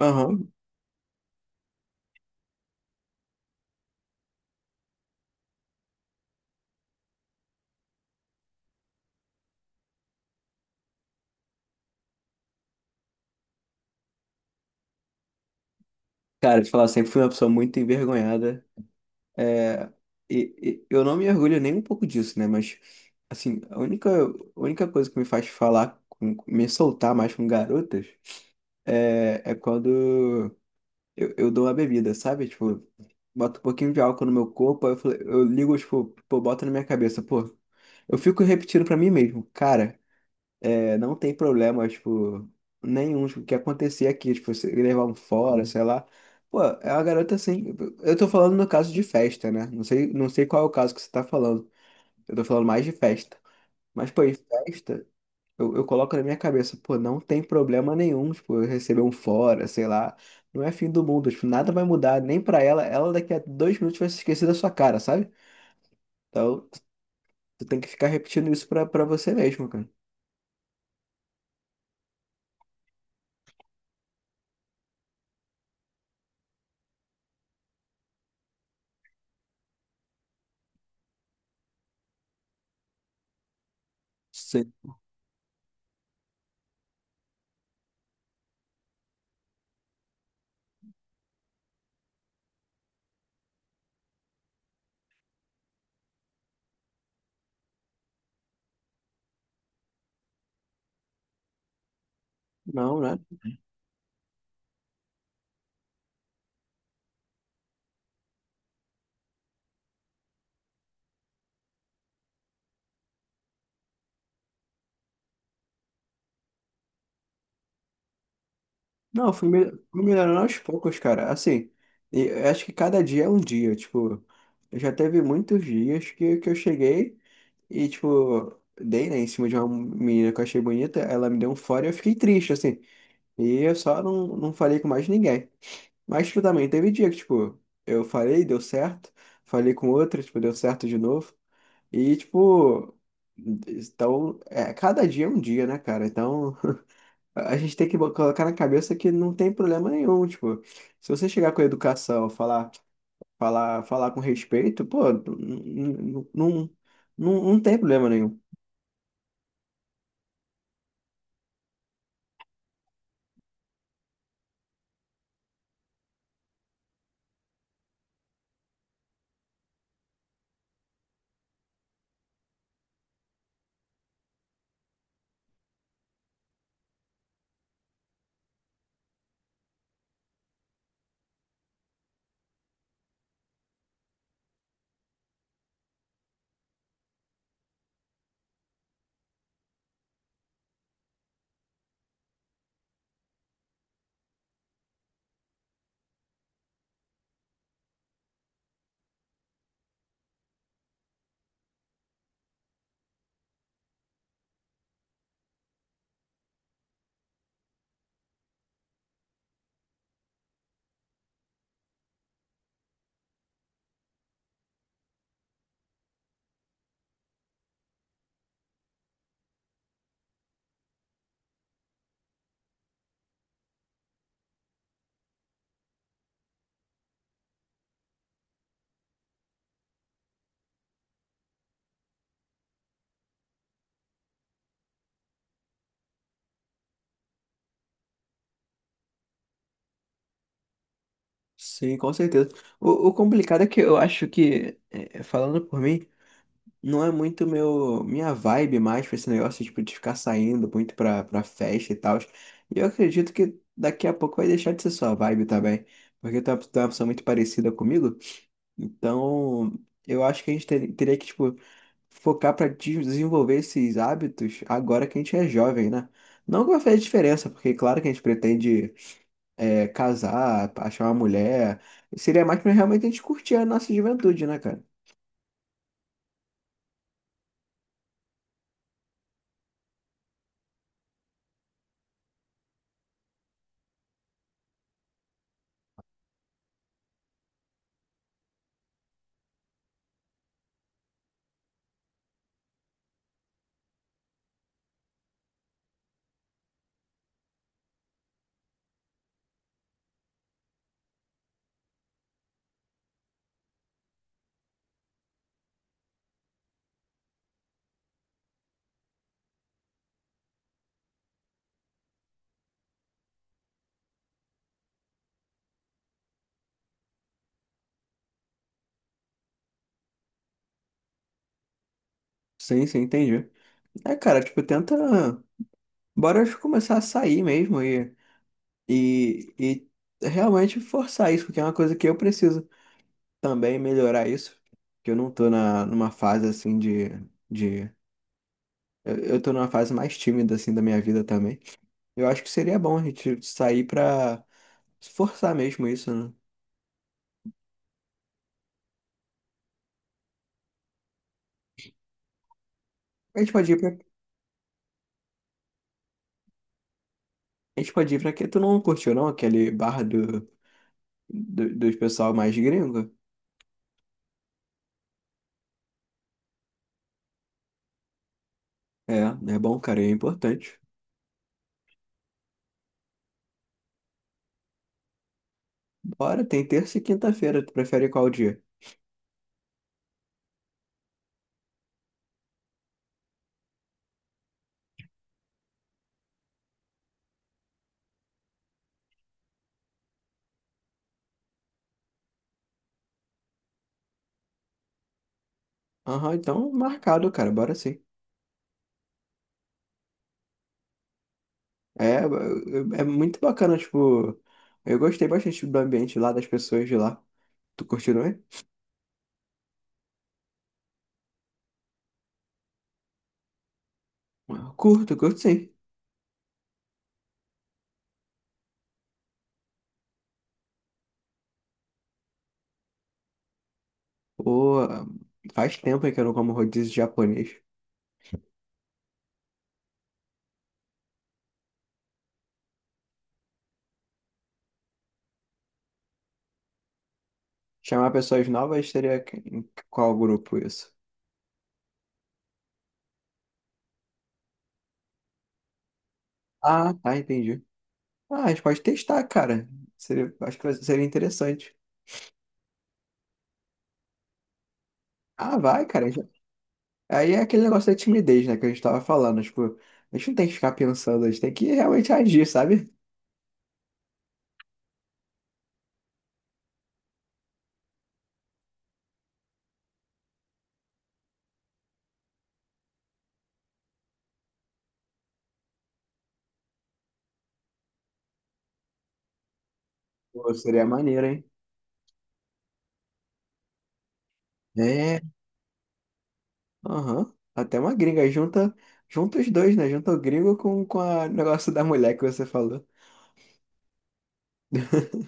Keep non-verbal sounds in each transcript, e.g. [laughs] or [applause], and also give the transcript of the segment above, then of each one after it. Aham. Cara, te falar, sempre fui uma pessoa muito envergonhada. É, e eu não me orgulho nem um pouco disso, né? Mas, assim, a única coisa que me faz me soltar mais com garotas, é quando eu dou uma bebida, sabe? Tipo, boto um pouquinho de álcool no meu corpo, eu ligo, tipo, pô, bota na minha cabeça, pô. Eu fico repetindo pra mim mesmo, cara. É, não tem problema, tipo, nenhum, tipo, o que acontecer aqui, tipo, você levar um fora, sei lá. Pô, é uma garota assim. Eu tô falando no caso de festa, né? Não sei, não sei qual é o caso que você tá falando. Eu tô falando mais de festa. Mas, pô, em festa, eu coloco na minha cabeça, pô, não tem problema nenhum, tipo, eu receber um fora, sei lá. Não é fim do mundo, tipo, nada vai mudar, nem pra ela. Ela daqui a 2 minutos vai se esquecer da sua cara, sabe? Então, tu tem que ficar repetindo isso pra você mesmo, cara. Sim. Não, né? Não, fui melhorando aos poucos, cara. Assim, e eu acho que cada dia é um dia. Tipo, já teve muitos dias que eu cheguei e, tipo, dei, né, em cima de uma menina que eu achei bonita. Ela me deu um fora e eu fiquei triste, assim. E eu só não falei com mais ninguém. Mas, tipo, também teve dia que, tipo, eu falei, deu certo. Falei com outra, tipo, deu certo de novo. E, tipo, então, é, cada dia é um dia, né, cara? Então, a gente tem que colocar na cabeça que não tem problema nenhum, tipo, se você chegar com a educação, falar com respeito, pô, não, não tem problema nenhum. Sim, com certeza. O complicado é que eu acho que, falando por mim, não é muito meu, minha vibe mais pra esse negócio, tipo, de ficar saindo muito pra festa e tal. E eu acredito que daqui a pouco vai deixar de ser sua vibe também, porque tu é uma pessoa muito parecida comigo. Então, eu acho que teria que, tipo, focar para desenvolver esses hábitos agora que a gente é jovem, né? Não que vai fazer diferença, porque claro que a gente pretende casar, achar uma mulher. Seria mais pra realmente a gente curtir a nossa juventude, né, cara? Sim, sim, entendi. É, cara, tipo, tenta. Bora começar a sair mesmo e realmente forçar isso, porque é uma coisa que eu preciso também melhorar isso. Que eu não tô numa fase assim de. De eu tô numa fase mais tímida, assim, da minha vida também. Eu acho que seria bom a gente sair pra forçar mesmo isso, né? A gente pode ir pra... A gente pode ir pra que tu não curtiu, não? Aquele bar dos pessoal mais gringo? É, é bom, cara, é importante. Bora, tem terça e quinta-feira. Tu prefere qual dia? Aham, então marcado, cara, bora sim. É, é é muito bacana, tipo... Eu gostei bastante do ambiente lá, das pessoas de lá. Tu curtiu, não é? Curto, curto sim. Pô, faz tempo que eu não como rodízio japonês. Chamar pessoas novas seria em qual grupo isso? Ah, tá, entendi. Ah, a gente pode testar, cara. Seria, acho seria interessante. Ah, vai, cara. Já. Aí é aquele negócio da timidez, né, que a gente tava falando. Tipo, a gente não tem que ficar pensando, a gente tem que realmente agir, sabe? Pô, seria maneiro, hein? É, aham. Até uma gringa. Junta os dois, né? Junta o gringo o negócio da mulher que você falou. [laughs]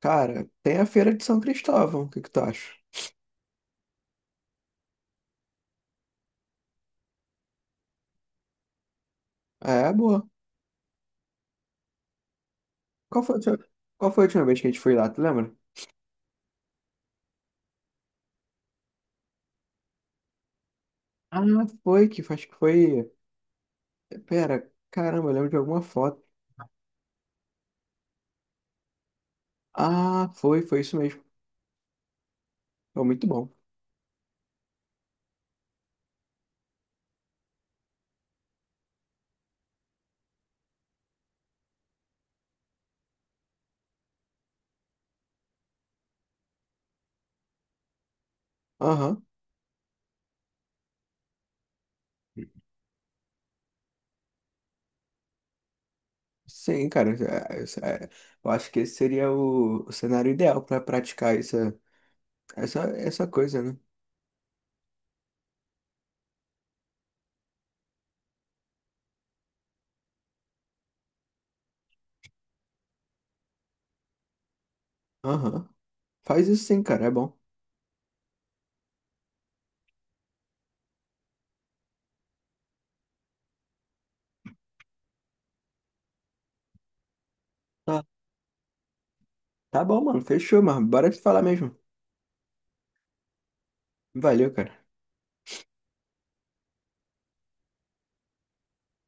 Cara, tem a feira de São Cristóvão. O que que tu acha? É, boa. Qual foi a última, qual foi a última vez que a gente foi lá, tu lembra? Ah, foi que acho que foi. Pera, caramba, eu lembro de alguma foto. Ah, foi isso mesmo. Foi muito bom. Aham. Sim, cara. É- eu acho que esse seria o cenário ideal pra praticar essa coisa, né? Aham. Faz isso sim, cara. É bom. Tá, tá bom, mano. Fechou, mano. Bora te falar mesmo. Valeu, cara.